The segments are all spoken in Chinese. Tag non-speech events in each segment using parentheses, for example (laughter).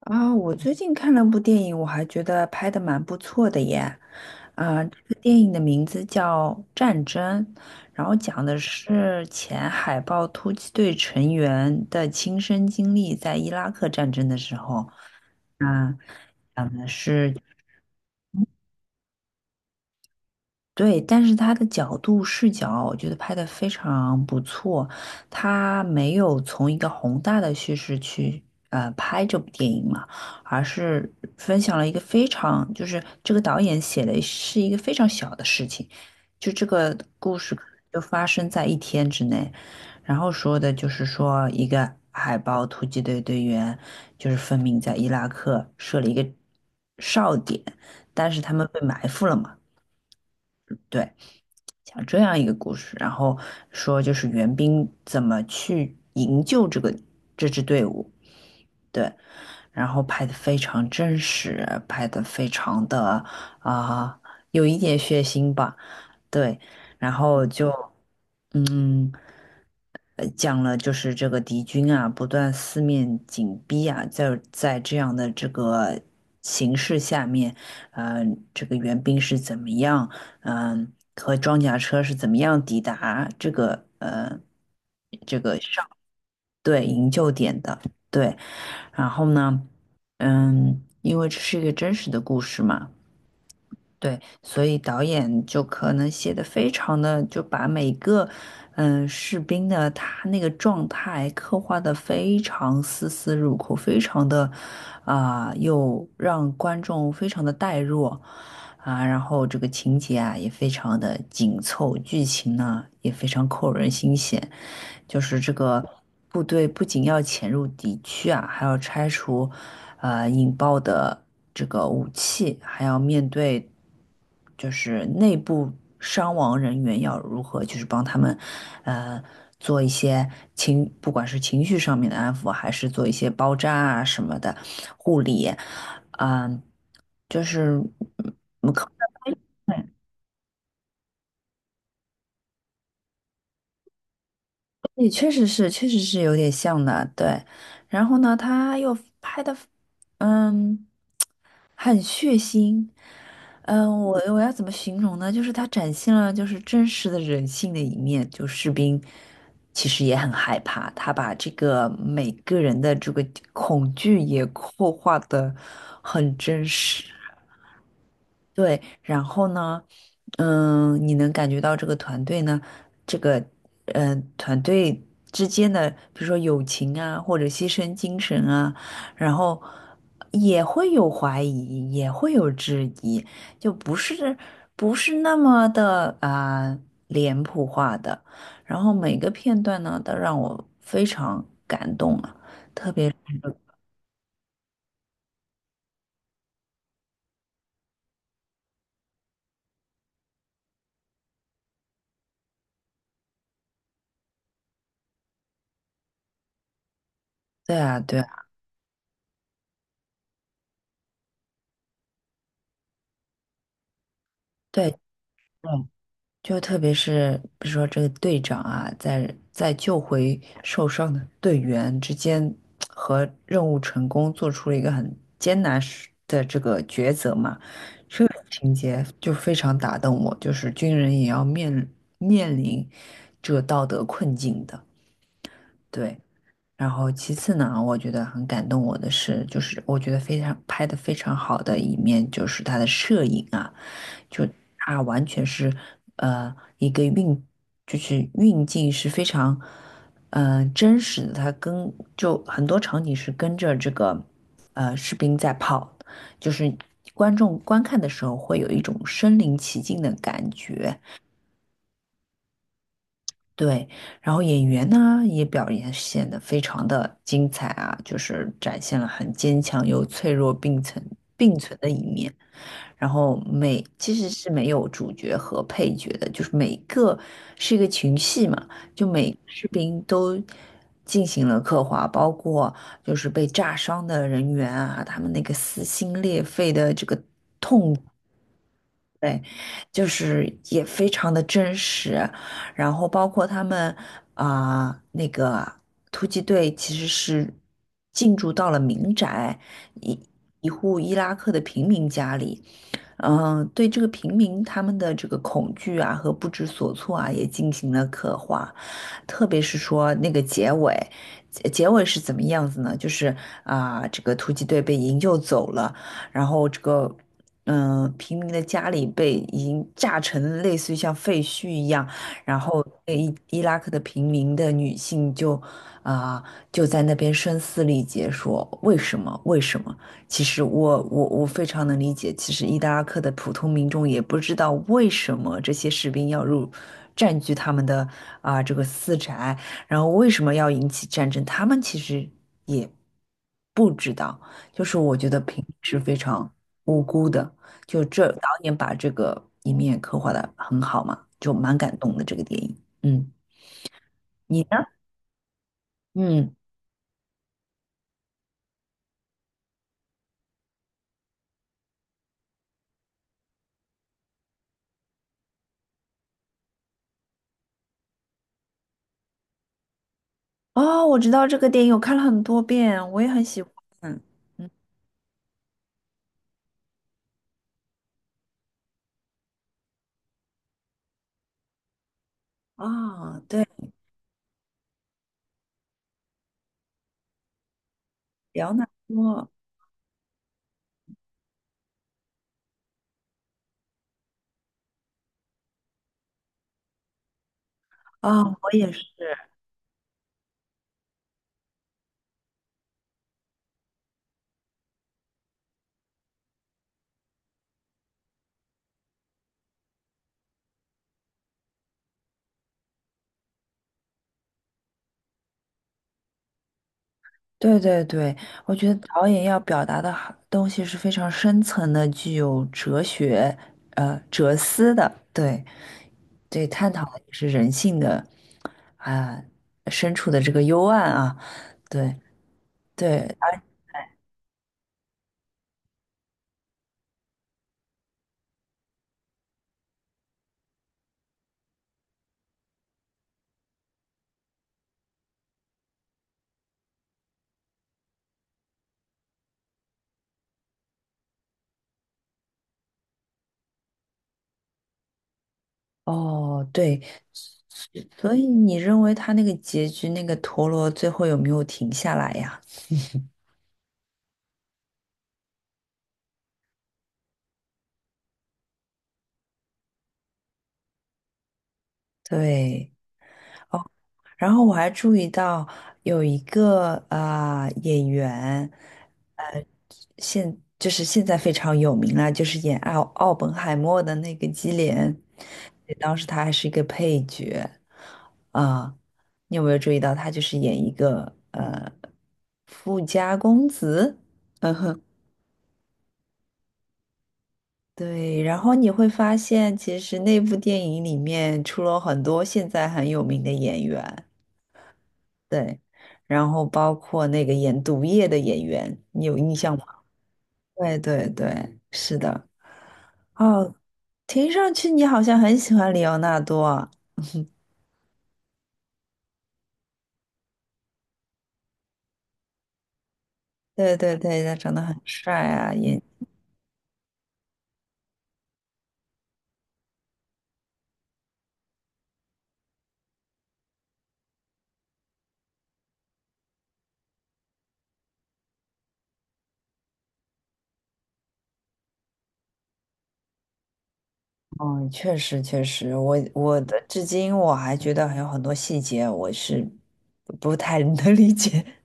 我最近看了部电影，我还觉得拍的蛮不错的耶。啊，这个电影的名字叫《战争》，然后讲的是前海豹突击队成员的亲身经历，在伊拉克战争的时候。啊，讲的是。对，但是他的角度视角，我觉得拍得非常不错。他没有从一个宏大的叙事去拍这部电影嘛，而是分享了一个非常，就是这个导演写的是一个非常小的事情，就这个故事可能就发生在一天之内，然后说的就是说一个海豹突击队队员就是分明在伊拉克设了一个哨点，但是他们被埋伏了嘛。对。讲这样一个故事，然后说就是援兵怎么去营救这个这支队伍，对，然后拍的非常真实，拍的非常的，啊、有一点血腥吧，对，然后就嗯。讲了就是这个敌军啊，不断四面紧逼啊，在这样的这个形势下面，呃，这个援兵是怎么样，嗯、和装甲车是怎么样抵达这个呃对营救点的，对，然后呢，嗯，因为这是一个真实的故事嘛。对，所以导演就可能写的非常的，就把每个嗯士兵的他那个状态刻画的非常丝丝入扣，非常的，啊、又让观众非常的带入，啊，然后这个情节啊也非常的紧凑，剧情呢也非常扣人心弦，就是这个部队不仅要潜入敌区啊，还要拆除引爆的这个武器，还要面对就是内部伤亡人员要如何，就是帮他们呃做一些情，不管是情绪上面的安抚，还是做一些包扎啊什么的护理，嗯、就是。也确实是，确实是有点像的，对。然后呢，他又拍的，嗯，很血腥，嗯，我要怎么形容呢？就是他展现了就是真实的人性的一面，就士兵其实也很害怕，他把这个每个人的这个恐惧也 (laughs) 刻画的很真实。对，然后呢，嗯，你能感觉到这个团队呢，这个嗯、呃团队之间的，比如说友情啊，或者牺牲精神啊，然后也会有怀疑，也会有质疑，就不是不是那么的啊、脸谱化的。然后每个片段呢，都让我非常感动啊，特别对啊，对啊，对。就特别是比如说这个队长啊，在救回受伤的队员之间和任务成功做出了一个很艰难时的这个抉择嘛，这个情节就非常打动我，就是军人也要面临这道德困境的，对。然后其次呢，我觉得很感动我的是，就是我觉得非常拍的非常好的一面，就是他的摄影啊，就他完全是呃一个运，就是运镜是非常呃真实的，他跟就很多场景是跟着这个呃士兵在跑，就是观众观看的时候会有一种身临其境的感觉，对，然后演员呢也表演显得非常的精彩啊，就是展现了很坚强又脆弱并存的一面。然后每其实是没有主角和配角的，就是每个是一个群戏嘛，就每个士兵都进行了刻画，包括就是被炸伤的人员啊，他们那个撕心裂肺的这个对，就是也非常的真实，然后包括他们啊、那个突击队其实是进驻到了民宅，一一户伊拉克的平民家里，嗯、对这个平民他们的这个恐惧啊和不知所措啊也进行了刻画，特别是说那个结尾，结尾是怎么样子呢？就是啊、这个突击队被营救走了。然后这个嗯、呃平民的家里被已经炸成类似于像废墟一样，然后被伊拉克的平民的女性就，啊、就在那边声嘶力竭说为什么？其实我非常能理解，其实伊拉克的普通民众也不知道为什么这些士兵要入。占据他们的啊、这个私宅，然后为什么要引起战争？他们其实也不知道，就是我觉得平民是非常。无辜的，就这导演把这个一面刻画的很好嘛，就蛮感动的这个电影。嗯，你呢？嗯，哦，我知道这个电影，我看了很多遍，我也很喜欢。嗯，啊、对，辽南多。啊、我也是。对对对，我觉得导演要表达的好东西是非常深层的，具有哲学、呃哲思的。对对，探讨的也是人性的啊、深处的这个幽暗啊。对，对，而哦，对，所以你认为他那个结局，那个陀螺最后有没有停下来呀？对，然后我还注意到有一个啊、呃演员，呃，现就是现在非常有名了，就是演奥本海默的那个基连，对当时他还是一个配角，啊、你有没有注意到他就是演一个呃富家公子？对，然后你会发现，其实那部电影里面出了很多现在很有名的演员，对，然后包括那个演毒液的演员，你有印象吗？对对对，是的。哦，听上去你好像很喜欢里奥纳多啊。对对对，他长得很帅啊，演，嗯，确实确实，我的至今我还觉得还有很多细节我是不太能理解。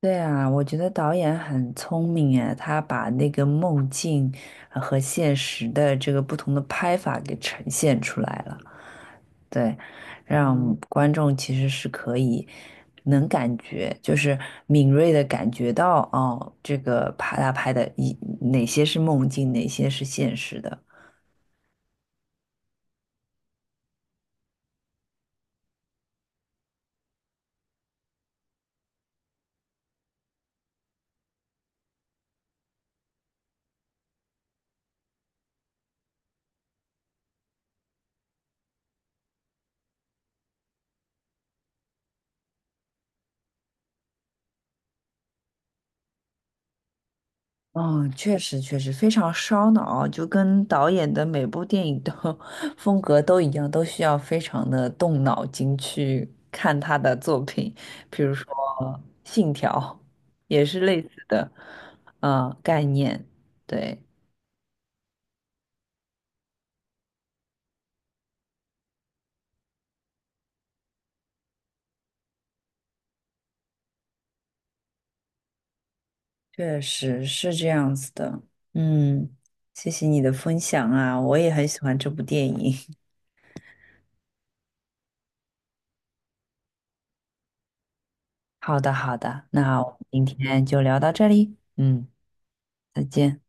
对啊，我觉得导演很聪明哎，他把那个梦境呃和现实的这个不同的拍法给呈现出来了，对，让嗯观众其实是可以能感觉，就是敏锐的感觉到哦，这个拍他拍的一哪些是梦境，哪些是现实的，嗯，确实确实非常烧脑啊，就跟导演的每部电影的 (laughs) 风格都一样，都需要非常的动脑筋去看他的作品。比如说《信条》，也是类似的，呃，概念。对，确实是这样子的。嗯，谢谢你的分享啊，我也很喜欢这部电影。(laughs) 好的，好的，那我们今天就聊到这里。嗯，再见。